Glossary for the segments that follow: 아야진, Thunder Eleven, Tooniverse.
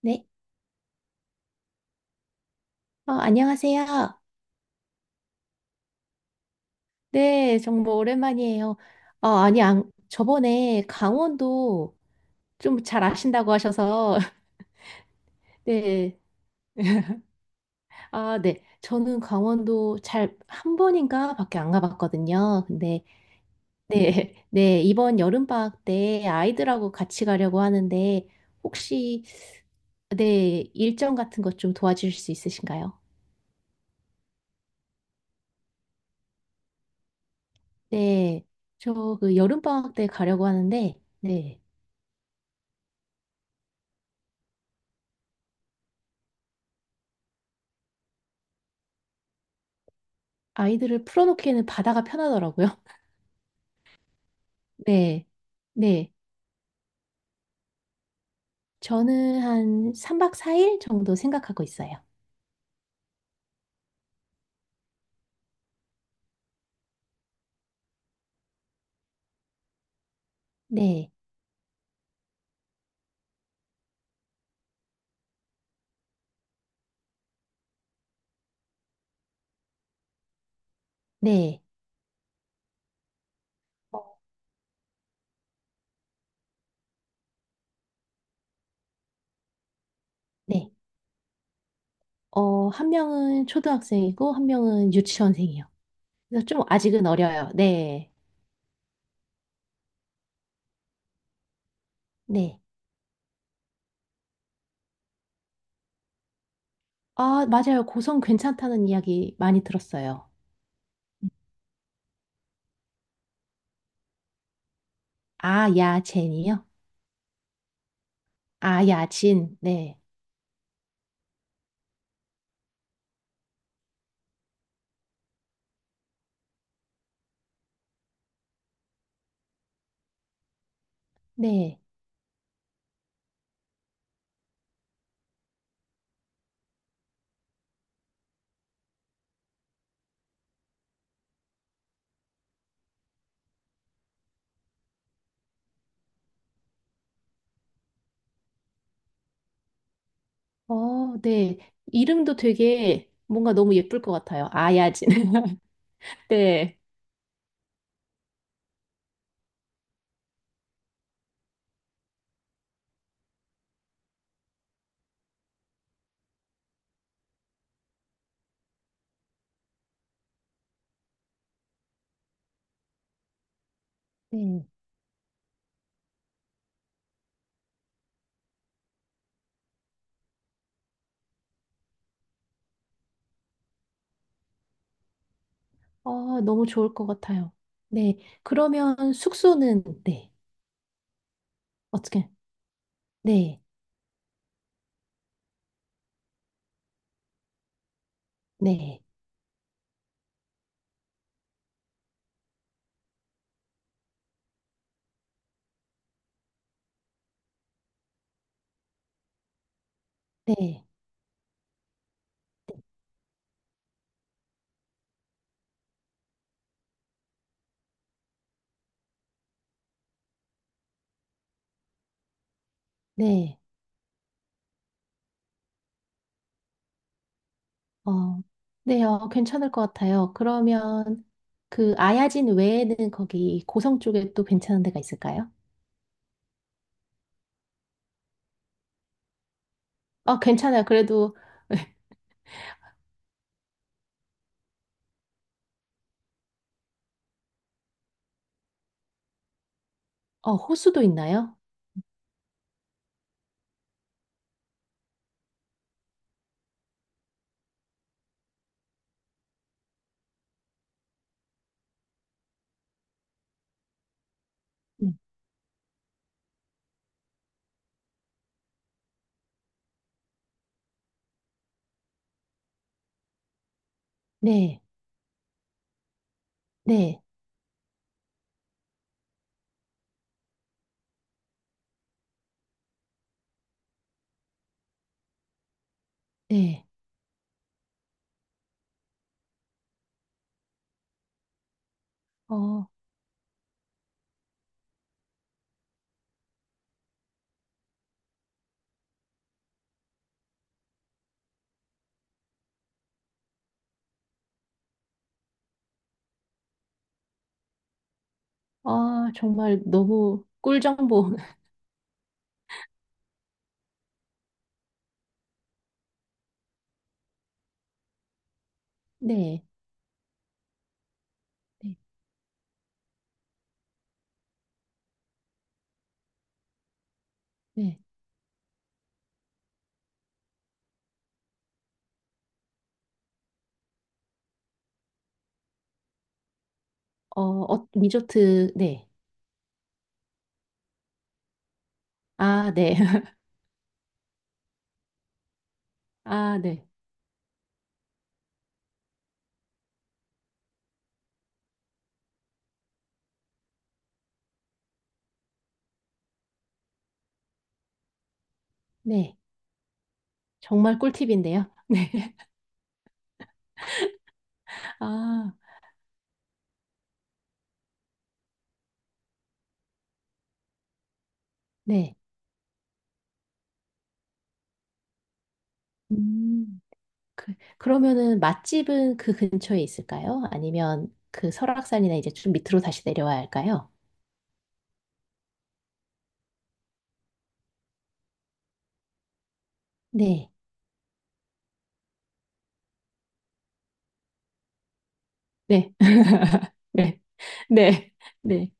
네, 안녕하세요. 네, 정말 오랜만이에요. 아니, 안, 저번에 강원도 좀 잘 아신다고 하셔서, 네, 아, 네, 저는 강원도 잘 한 번인가 밖에 안 가봤거든요. 근데, 네, 네, 이번 여름방학 때 아이들하고 같이 가려고 하는데, 혹시, 네, 일정 같은 것 좀 도와주실 수 있으신가요? 네, 저 그 여름방학 때 가려고 하는데, 네, 아이들을 풀어놓기에는 바다가 편하더라고요. 네, 네. 저는 한 3박 4일 정도 생각하고 있어요. 네, 네, 네. 한 명은 초등학생이고, 한 명은 유치원생이요. 그래서 좀 아직은 어려요. 네, 네. 아, 맞아요. 고성 괜찮다는 이야기 많이 들었어요. 아, 야, 젠이요? 아, 야, 진. 네, 네. 어, 네. 이름도 되게 뭔가 너무 예쁠 것 같아요. 아, 야, 진. 네. 네. 너무 좋을 것 같아요. 네. 그러면 숙소는, 네. 어떻게, 네. 네. 네. 네. 어, 네. 괜찮을 것 같아요. 그러면 그 아야진 외에는 거기 고성 쪽에 또 괜찮은 데가 있을까요? 어, 괜찮아요. 그래도, 호수도 있나요? 음. 네. 네. 네. 어, 정말 너무 꿀정보. 네. 네. 네. 어, 어, 리조트, 네. 아, 네. 아, 네. 네. 정말 꿀팁인데요. 네. 아, 네. 음, 그러면은 맛집은 그 근처에 있을까요? 아니면 그 설악산이나 이제 좀 밑으로 다시 내려와야 할까요? 네. 네. 네. 네. 네.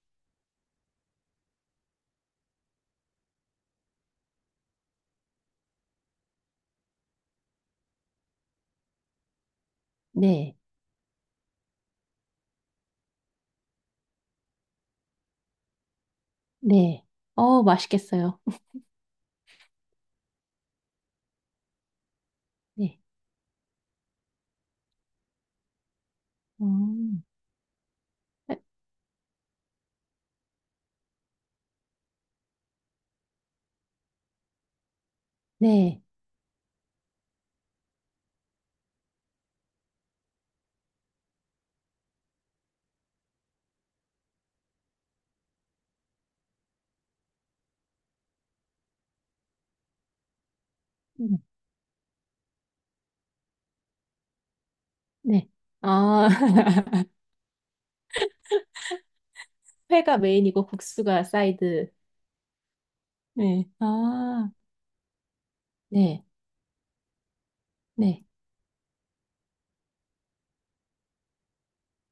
네. 네. 맛있겠어요. 네. 음. 네. 음, 네. 아, 회가 메인이고 국수가 사이드. 네. 아, 네. 네.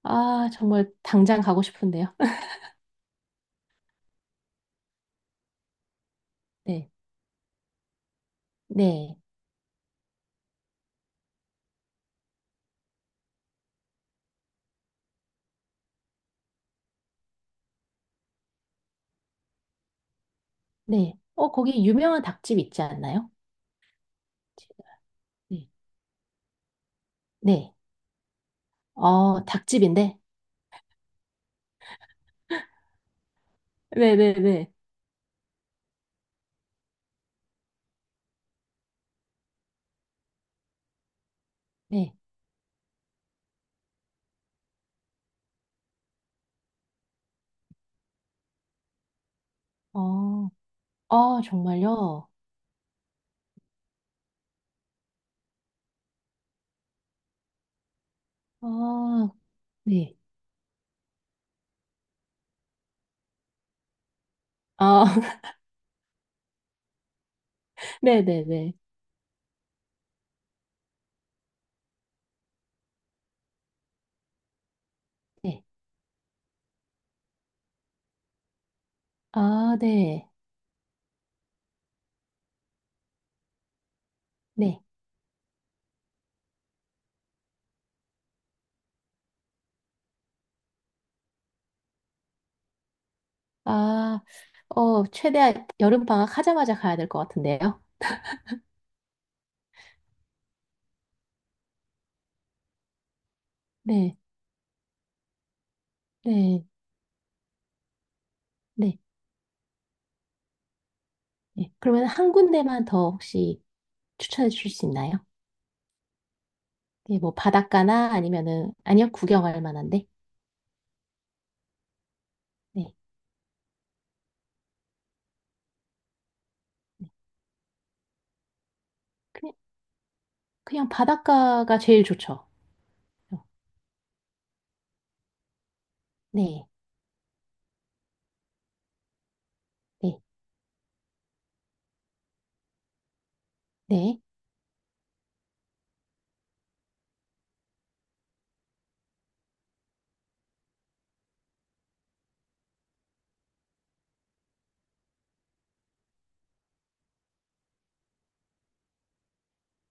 아, 정말 당장 가고 싶은데요. 네, 네, 네. 거기 유명한 닭집 있지 않나요? 네, 네. 닭집인데? 네, 네, 네. 네. 어, 정말요? 아, 네. 아, 네, 네, 네. 네. 아, 네, 네. 아, 최대한 여름 방학 하자마자 가야 될 것 같은데요? 네, 네, 네, 네. 그러면 한 군데만 더 혹시 추천해 주실 수 있나요? 네, 뭐 바닷가나 아니면은, 아니요, 구경할 만한데? 네. 그냥, 그냥 바닷가가 제일 좋죠. 네, 네, 네.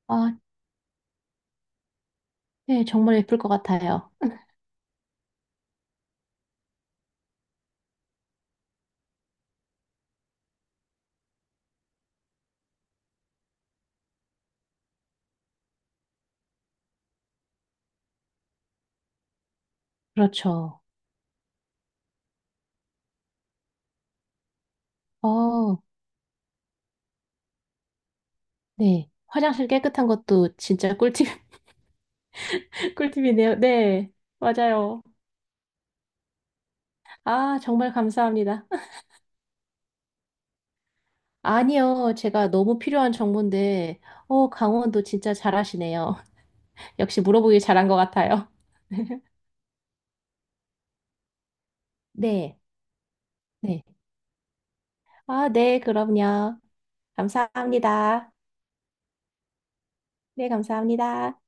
아, 네, 정말 예쁠 것 같아요. 그렇죠. 어, 네. 화장실 깨끗한 것도 진짜 꿀팁, 꿀팁이네요. 네, 맞아요. 아, 정말 감사합니다. 아니요, 제가 너무 필요한 정보인데, 강원도 진짜 잘하시네요. 역시 물어보길 잘한 것 같아요. 네, 네. 아, 네, 그럼요. 감사합니다. 네, 감사합니다.